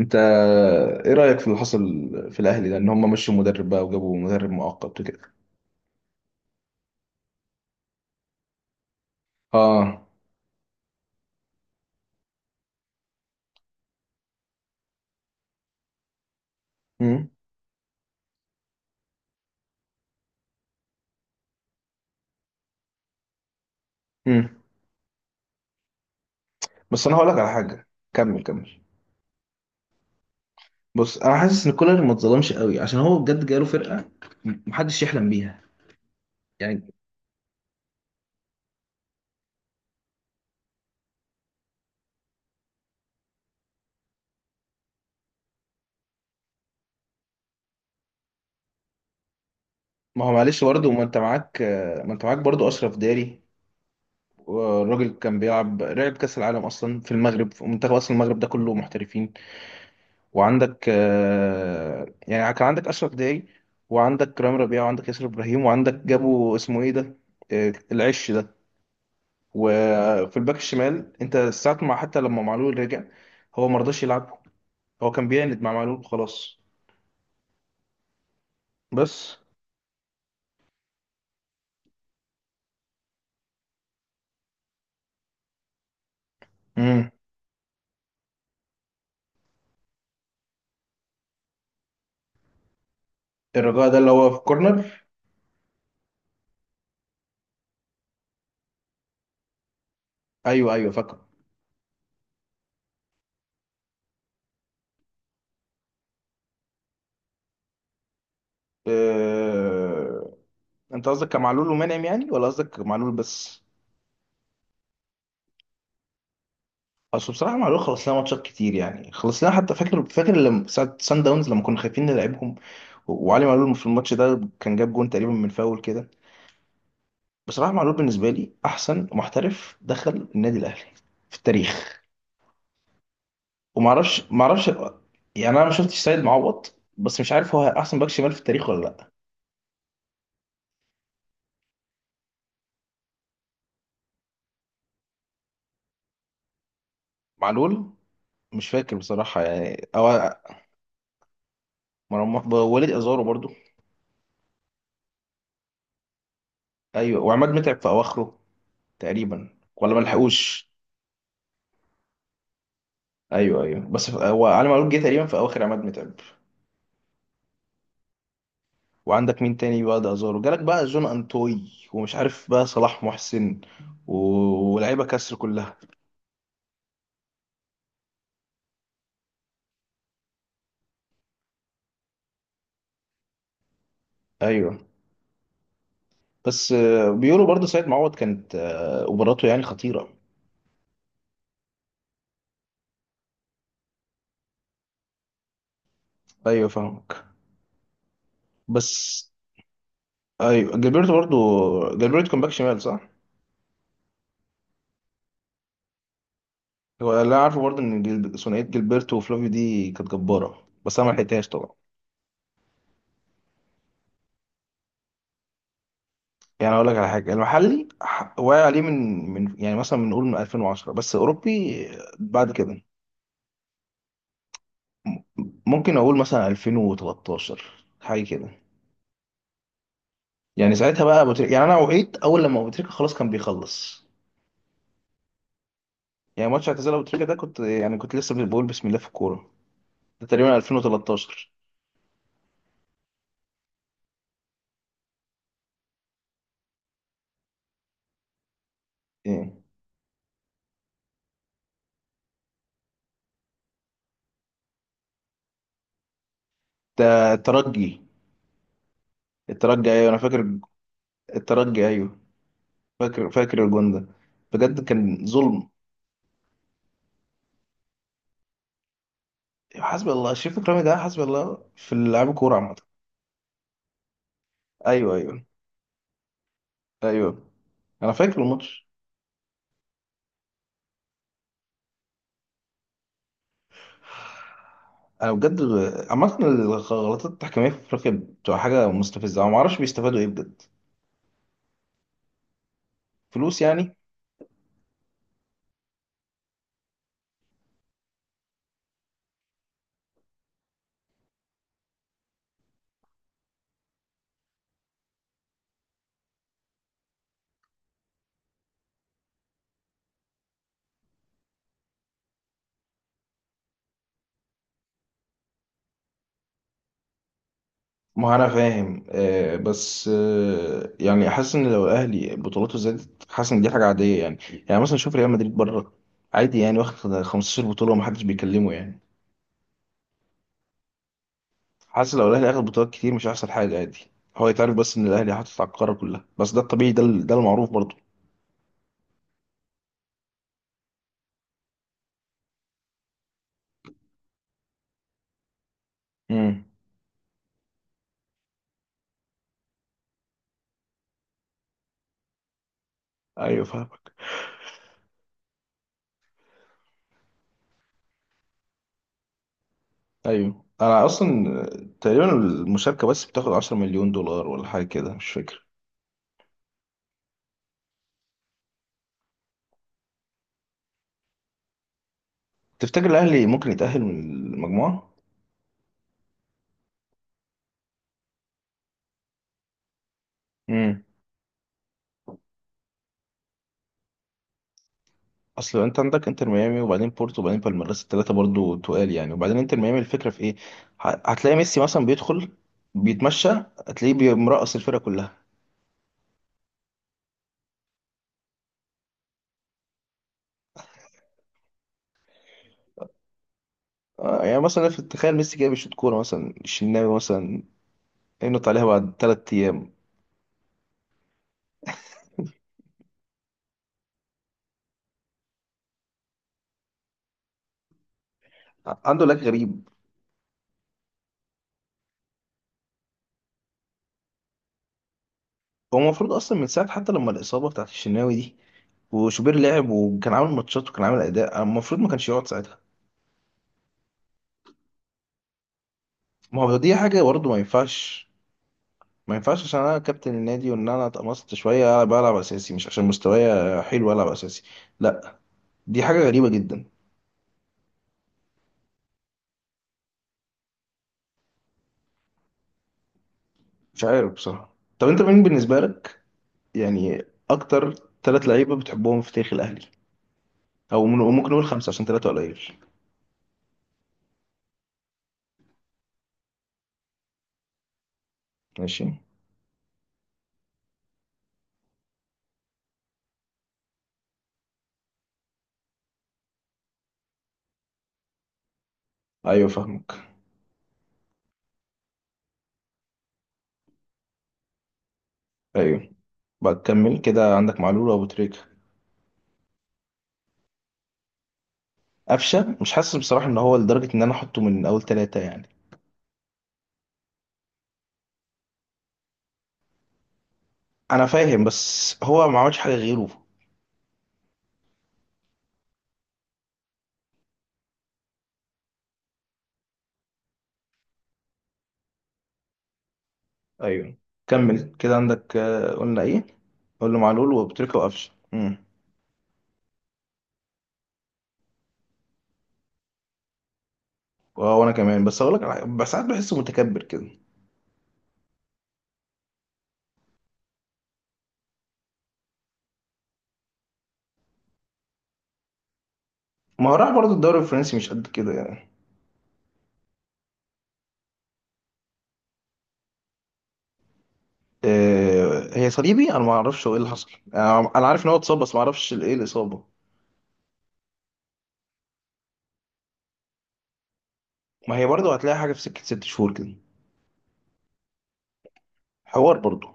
انت، ايه رأيك في اللي حصل في الاهلي ده؟ ان هم مشوا مدرب بقى، وجابوا مدرب مؤقت وكده. اه. امم امم بس انا هقول لك على حاجة. كمل كمل. بص، انا حاسس ان كولر ما اتظلمش قوي عشان هو بجد جاله فرقة محدش يحلم بيها، يعني. ما هو معلش برضه، ما انت معاك. ما انت معاك برضه اشرف داري. والراجل كان بيلعب، لعب كاس العالم اصلا في المغرب، في منتخب، اصلا المغرب ده كله محترفين. وعندك يعني كان عندك اشرف داعي، وعندك رامي ربيعه، وعندك ياسر ابراهيم، وعندك جابوا اسمه ايه ده، العش ده. وفي الباك الشمال، انت ساعة ما حتى لما معلول رجع، هو ما رضاش يلعبه. هو كان بيعند مع معلول، خلاص. بس. امم. الرجاء ده اللي هو في كورنر. ايوه، ايوه فاكره. أه... انت قصدك كمعلول ومنعم يعني، ولا قصدك معلول بس؟ اصل بصراحه معلول خلص لنا ماتشات كتير، يعني خلص لنا. حتى فاكر فاكر لما ساعه سان داونز لما كنا خايفين نلعبهم، وعلي معلول في الماتش ده كان جاب جون تقريبا من فاول كده. بصراحه معلول بالنسبه لي احسن محترف دخل النادي الاهلي في التاريخ. ومعرفش معرفش، يعني انا ما شفتش سيد معوض، بس مش عارف هو احسن باك شمال في التاريخ ولا لا. معلول. مش فاكر بصراحه يعني، او مرمى وليد ازارو برضو. ايوه، وعماد متعب في اواخره تقريبا. ولا ما لحقوش. ايوه، ايوه، بس هو علي معلول جه تقريبا في اواخر عماد متعب. وعندك مين تاني بقى ده؟ ازارو جالك، بقى جون انتوي، ومش عارف بقى صلاح محسن و... ولاعيبه كسر كلها. ايوه. بس بيقولوا برضه سيد معوض كانت مباراته يعني خطيره. ايوه فاهمك. بس. ايوه جilberto برضه. جilberto كان باك شمال صح؟ هو اللي أنا عارفه برضه ان ثنائيه جilberto وفلافيو دي كانت جباره، بس انا ما لحقتهاش طبعا. يعني اقول لك على حاجه، المحلي واقع عليه من يعني مثلا بنقول من 2010، بس اوروبي بعد كده، م- ممكن اقول مثلا 2013 حاجه كده. يعني ساعتها بقى ابو تريكه، يعني انا وعيت اول لما ابو تريكه خلاص كان بيخلص. يعني ماتش اعتزال ابو تريكه ده، كنت يعني كنت لسه بقول بسم الله في الكوره، ده تقريبا 2013. ايه ده؟ الترجي. الترجي، ايوه انا فاكر. الترجي، ايوه. فاكر فاكر الجون ده، بجد كان ظلم. حسبي الله. شريف اكرامي ده حسبي الله في لعب كوره عامه. ايوه، ايوه. ايوه انا فاكر الماتش. انا بجد، عامه الغلطات التحكيميه في افريقيا بتبقى حاجه مستفزه، انا ما اعرفش بيستفادوا ايه بجد. فلوس يعني. ما انا فاهم، بس يعني حاسس ان لو الاهلي بطولاته زادت، حاسس ان دي حاجه عاديه يعني. يعني مثلا شوف ريال مدريد بره، عادي يعني واخد 15 بطوله ومحدش بيكلمه يعني. حاسس لو الاهلي اخد بطولات كتير مش هيحصل حاجه، عادي. هو يتعرف بس ان الاهلي حاطط على القاره كلها، بس ده الطبيعي، ده ده المعروف برضه. امم. ايوه فاهم. ايوه انا اصلا تقريبا المشاركه بس بتاخد 10 مليون دولار، ولا حاجه كده مش فاكر. تفتكر الاهلي ممكن يتاهل من المجموعه؟ امم. اصل انت عندك انتر ميامي، وبعدين بورتو، وبعدين بالميراس، الثلاثه برضو تقال يعني. وبعدين انتر ميامي، الفكره في ايه؟ هتلاقي ميسي مثلا بيدخل، بيتمشى. هتلاقيه مرقص الفرقه كلها. يعني مثلا تخيل ميسي جاي بيشوط كوره مثلا، الشناوي مثلا ينط عليها بعد 3 ايام. عنده لاج غريب. هو المفروض اصلا من ساعه حتى لما الاصابه بتاعت الشناوي دي، وشوبير لعب وكان عامل ماتشات وكان عامل اداء، المفروض ما كانش يقعد ساعتها. ما هو دي حاجه برضه ما ينفعش. ما ينفعش، عشان انا كابتن النادي وان انا اتقمصت شويه بلعب اساسي مش عشان مستواي، حلو العب اساسي. لا، دي حاجه غريبه جدا. مش عارف بصراحه، طب انت مين بالنسبه لك يعني؟ اكتر ثلاث لعيبه بتحبهم في تاريخ الاهلي، او ممكن نقول خمسه عشان ثلاثه قليل. ماشي. ايوه فاهمك. ايوه. بكمل كده عندك معلول وابو تريكه. قفشه مش حاسس بصراحه ان هو لدرجه ان انا احطه من اول ثلاثه يعني. انا فاهم، بس هو ما عملش حاجه غيره. ايوه. كمل كده، عندك قلنا ايه؟ قلنا معلول وبتريكة وقفشه. امم. وانا كمان، بس اقول لك على حاجة، بس ساعات بحسه متكبر كده. ما هو راح برضه الدوري الفرنسي مش قد كده يعني. هي صليبي، انا ما اعرفش هو ايه اللي حصل، انا عارف ان هو اتصاب بس ما اعرفش ايه الاصابه. ما هي برضه هتلاقي حاجه في سكه 6 شهور كده. حوار برضه.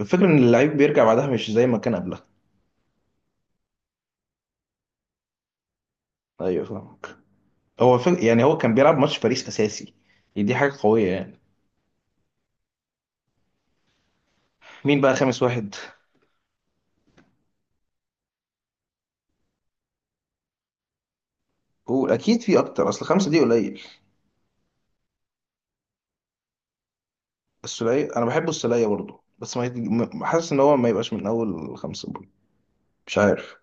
الفكره ان اللعيب بيرجع بعدها مش زي ما كان قبلها. ايوه فاهمك. هو يعني هو كان بيلعب ماتش باريس اساسي، دي حاجه قويه يعني. مين بقى خامس واحد؟ هو اكيد في اكتر، اصل خمسة دي قليل. السولية، انا بحب السولية برضو، بس ما حاسس ان هو ما يبقاش من اول خمسة برضو. مش عارف.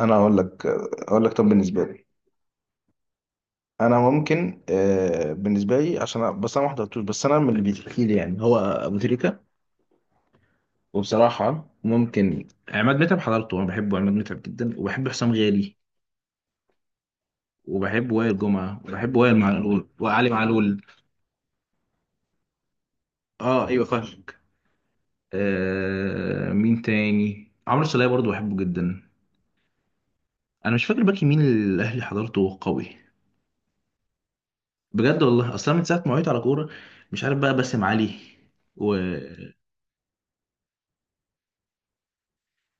انا اقول لك اقول لك طب بالنسبة لي. انا ممكن بالنسبة لي عشان بس انا ما حضرتوش، بس انا من اللي بيتحكي لي يعني، هو ابو تريكة. وبصراحة ممكن عماد متعب حضرته، انا بحبه عماد متعب جدا، وبحب حسام غالي، وبحب وائل جمعة، وبحب وائل معلول وعلي معلول. اه، ايوه فاهم. مين تاني؟ عمرو السولية برضو بحبه جدا. انا مش فاكر باك يمين اللي الاهلي حضرته قوي بجد، والله، اصلا من ساعه ما وعيت على كوره. مش عارف بقى باسم علي و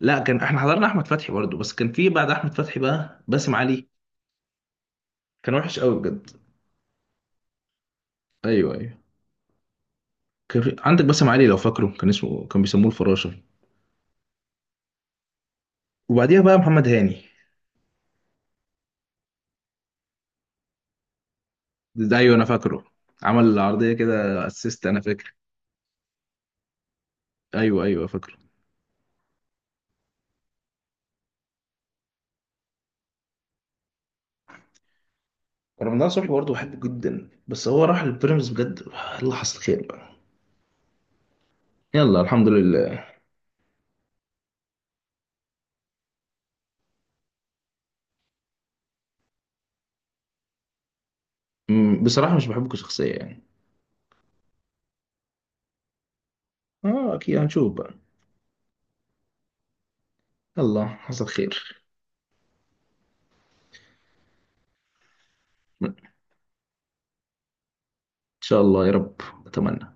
لا. كان احنا حضرنا احمد فتحي برضو، بس كان في بعد احمد فتحي بقى باسم علي. كان وحش قوي بجد. ايوه، ايوه. كان في. عندك باسم علي لو فاكره، كان اسمه كان بيسموه الفراشه، وبعديها بقى محمد هاني. ده، ايوه انا فاكره. عمل العرضيه كده اسيست انا فاكر. ايوه، ايوه فاكره. رمضان صبحي برضه بحبه جدا، بس هو راح للبيراميدز بجد. الله، حصل خير بقى. يلا الحمد لله. بصراحة مش بحبه كشخصية يعني. اه اكيد هنشوف بقى. يلا حصل خير. ان شاء الله يا رب، اتمنى.